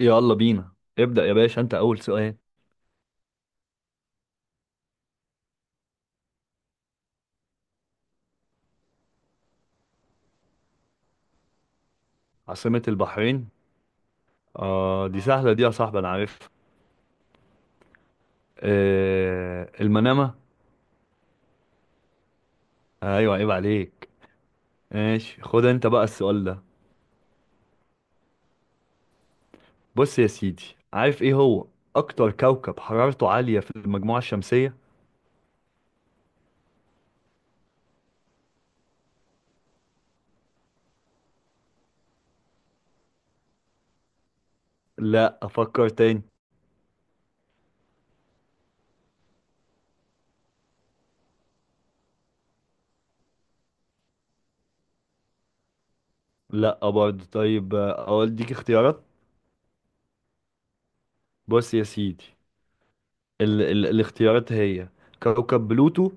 يلا بينا. ابدأ يا باشا، انت اول سؤال. عاصمة البحرين. اه، دي سهلة دي يا صاحبي، انا عارفها. آه، المنامة. ايوه، عيب عليك. ماشي، خد انت بقى السؤال ده. بص يا سيدي، عارف ايه هو اكتر كوكب حرارته عالية في المجموعة الشمسية؟ لا، افكر تاني. لا برضه. طيب، اقول ديك اختيارات. بص يا سيدي، ال ال الاختيارات هي كوكب بلوتو،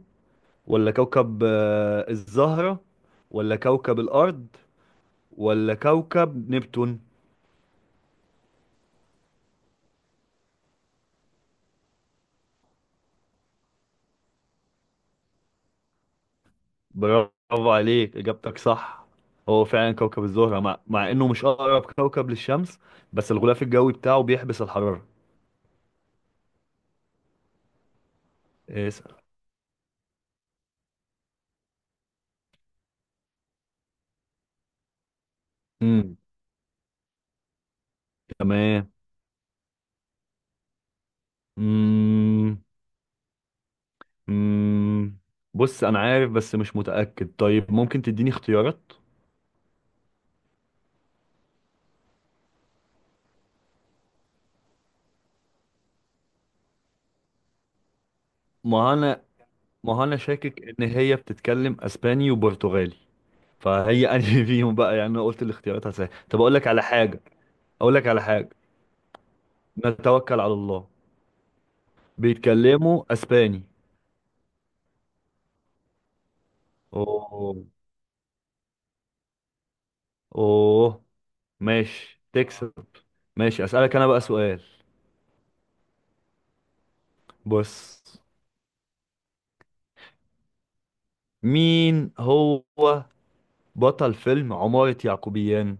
ولا كوكب الزهرة، ولا كوكب الارض، ولا كوكب نبتون؟ برافو عليك، إجابتك صح. هو فعلا كوكب الزهرة، مع إنه مش أقرب كوكب للشمس، بس الغلاف الجوي بتاعه بيحبس الحرارة. اسأل. امم. تمام. امم. امم. بص أنا عارف بس مش متأكد، طيب ممكن تديني اختيارات. ما أنا ما أنا شاكك إن هي بتتكلم أسباني وبرتغالي، فهي أنهي فيهم بقى؟ يعني أنا قلت الاختيارات هسهل. طب أقول لك على حاجة. أقول لك على حاجة. نتوكل على الله. بيتكلموا اسباني. اوه. اوه. ماشي، تكسب. ماشي، اسالك انا بقى سؤال. بص، مين هو بطل فيلم عمارة يعقوبيان؟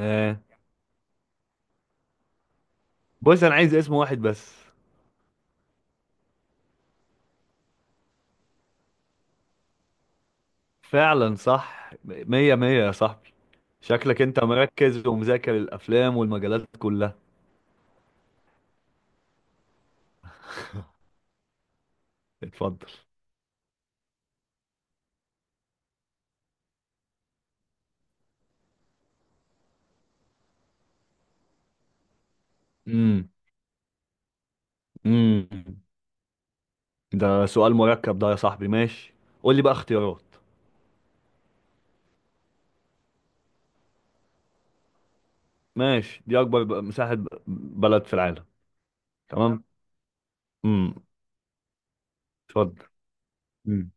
آه. بص، انا عايز اسم واحد بس. فعلا صح، مية مية يا صاحبي. شكلك انت مركز ومذاكر الافلام والمجالات كلها. اتفضل. امم. امم. ده سؤال مركب ده يا صاحبي. ماشي، قول لي بقى اختيارات. ماشي، دي اكبر مساحة بلد في العالم. تمام. امم. اتفضل. مم.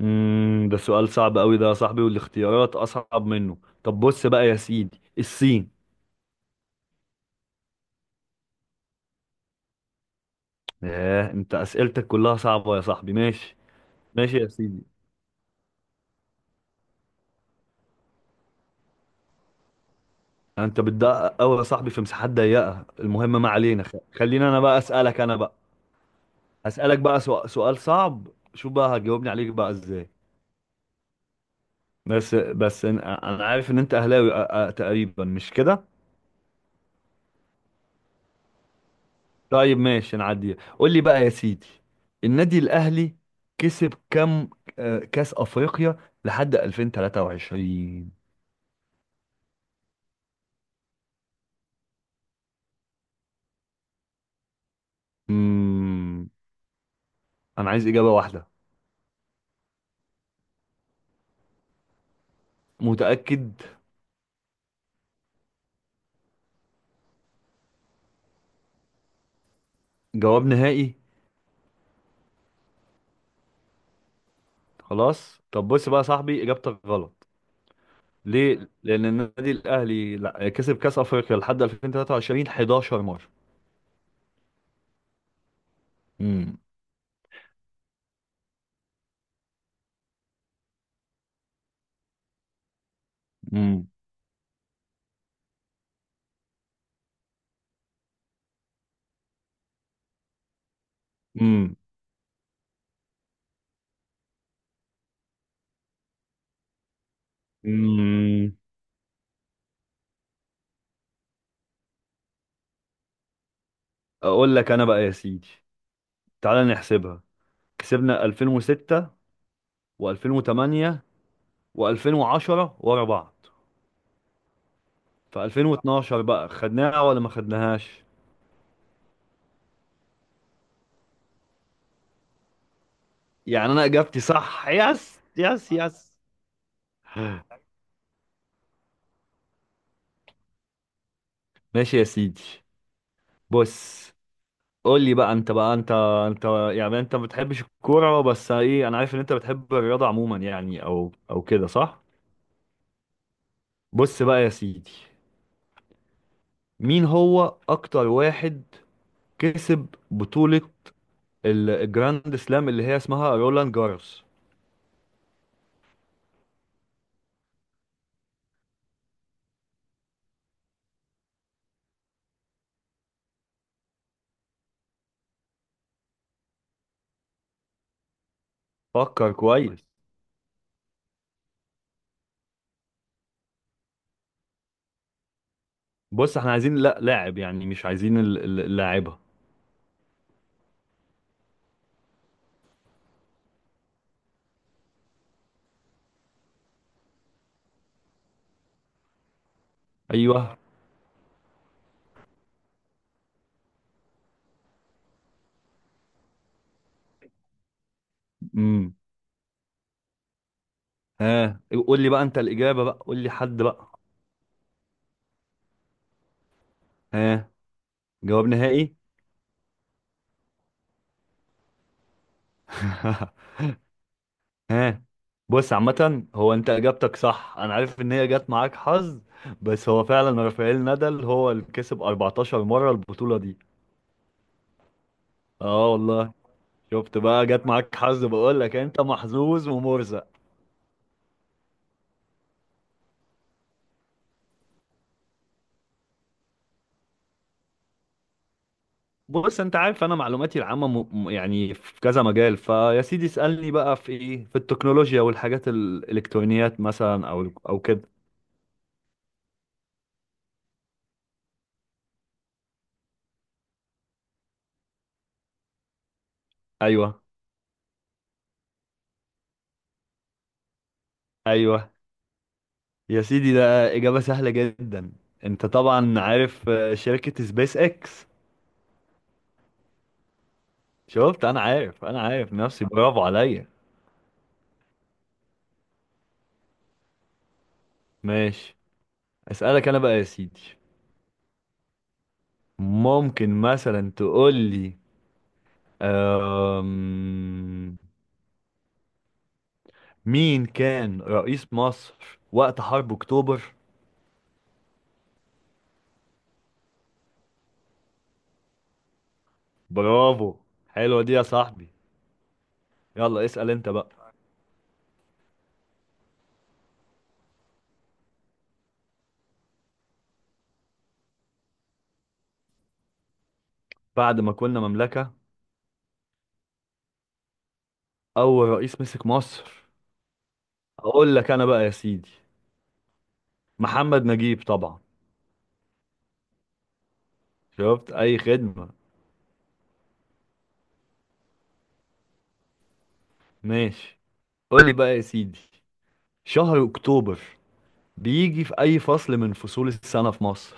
امم. ده سؤال صعب قوي ده يا صاحبي، والاختيارات اصعب منه. طب بص بقى يا سيدي، الصين. ياه، انت اسئلتك كلها صعبة يا صاحبي. ماشي. ماشي يا سيدي. انت بتدقق قوي يا صاحبي في مساحات ضيقة. المهم، ما علينا. خلينا انا بقى اسالك انا بقى. هسالك بقى سؤال صعب، شوف بقى هتجاوبني عليك بقى ازاي. بس، أنا عارف ان انت اهلاوي، تقريبا مش كده؟ طيب ماشي، نعديها. قول لي بقى يا سيدي، النادي الاهلي كسب كام كاس افريقيا لحد 2023؟ امم، انا عايز اجابه واحده. متاكد؟ جواب نهائي. خلاص، طب بص بقى يا صاحبي، اجابتك غلط. ليه؟ لان النادي الاهلي لا كسب كاس افريقيا لحد 2023 11 مره. امم. امم. امم. امم. اقول لك انا بقى يا سيدي، تعالى نحسبها. كسبنا 2006 و2008 و2010 ورا بعض. في 2012 بقى خدناها ولا ما خدناهاش؟ يعني انا اجابتي صح. يس يس يس. ماشي يا سيدي. بص، قول لي بقى انت بقى. انت يعني انت ما بتحبش الكوره، بس ايه، انا عارف ان انت بتحب الرياضه عموما، يعني او كده صح؟ بص بقى يا سيدي، مين هو اكتر واحد كسب بطوله الجراند سلام اللي هي اسمها رولان جاروس؟ فكر كويس. بص احنا عايزين لا لاعب، يعني مش عايزين اللاعبة. ايوه. اه. امم. ها، قول لي بقى انت الإجابة. بقى قول لي حد بقى. ها، جواب نهائي. ها، بص عامة، هو انت اجابتك صح. انا عارف ان هي جت معاك حظ، بس هو فعلا رافائيل نادال هو اللي كسب 14 مرة البطولة دي. اه والله. شفت بقى، جت معاك حظ. بقول لك انت محظوظ ومرزق. بص، انت عارف انا معلوماتي العامه يعني في كذا مجال، فيا سيدي اسالني بقى في ايه، في التكنولوجيا والحاجات الالكترونيات مثلا او كده. ايوه. ايوه يا سيدي، ده اجابه سهله جدا. انت طبعا عارف، شركه سبيس اكس. شفت، انا عارف، انا عارف نفسي. برافو عليا. ماشي، اسالك انا بقى يا سيدي. ممكن مثلا تقول لي، أم... مين كان رئيس مصر وقت حرب اكتوبر؟ برافو، حلوة دي يا صاحبي. يلا اسأل انت بقى. بعد ما كنا مملكة، أول رئيس مسك مصر؟ أقول لك أنا بقى يا سيدي، محمد نجيب طبعا. شفت، أي خدمة. ماشي، قول لي بقى يا سيدي، شهر أكتوبر بيجي في أي فصل من فصول السنة في مصر؟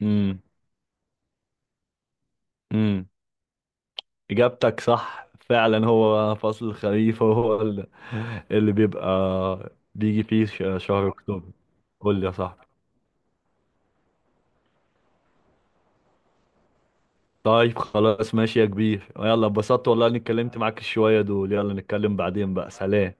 امم. امم. إجابتك صح، فعلا هو فصل الخريف هو اللي بيبقى بيجي فيه شهر أكتوبر. قول لي يا صاحبي. طيب خلاص ماشي يا كبير، يلا اتبسطت والله اني اتكلمت معاك شوية دول. يلا نتكلم بعدين بقى، سلام.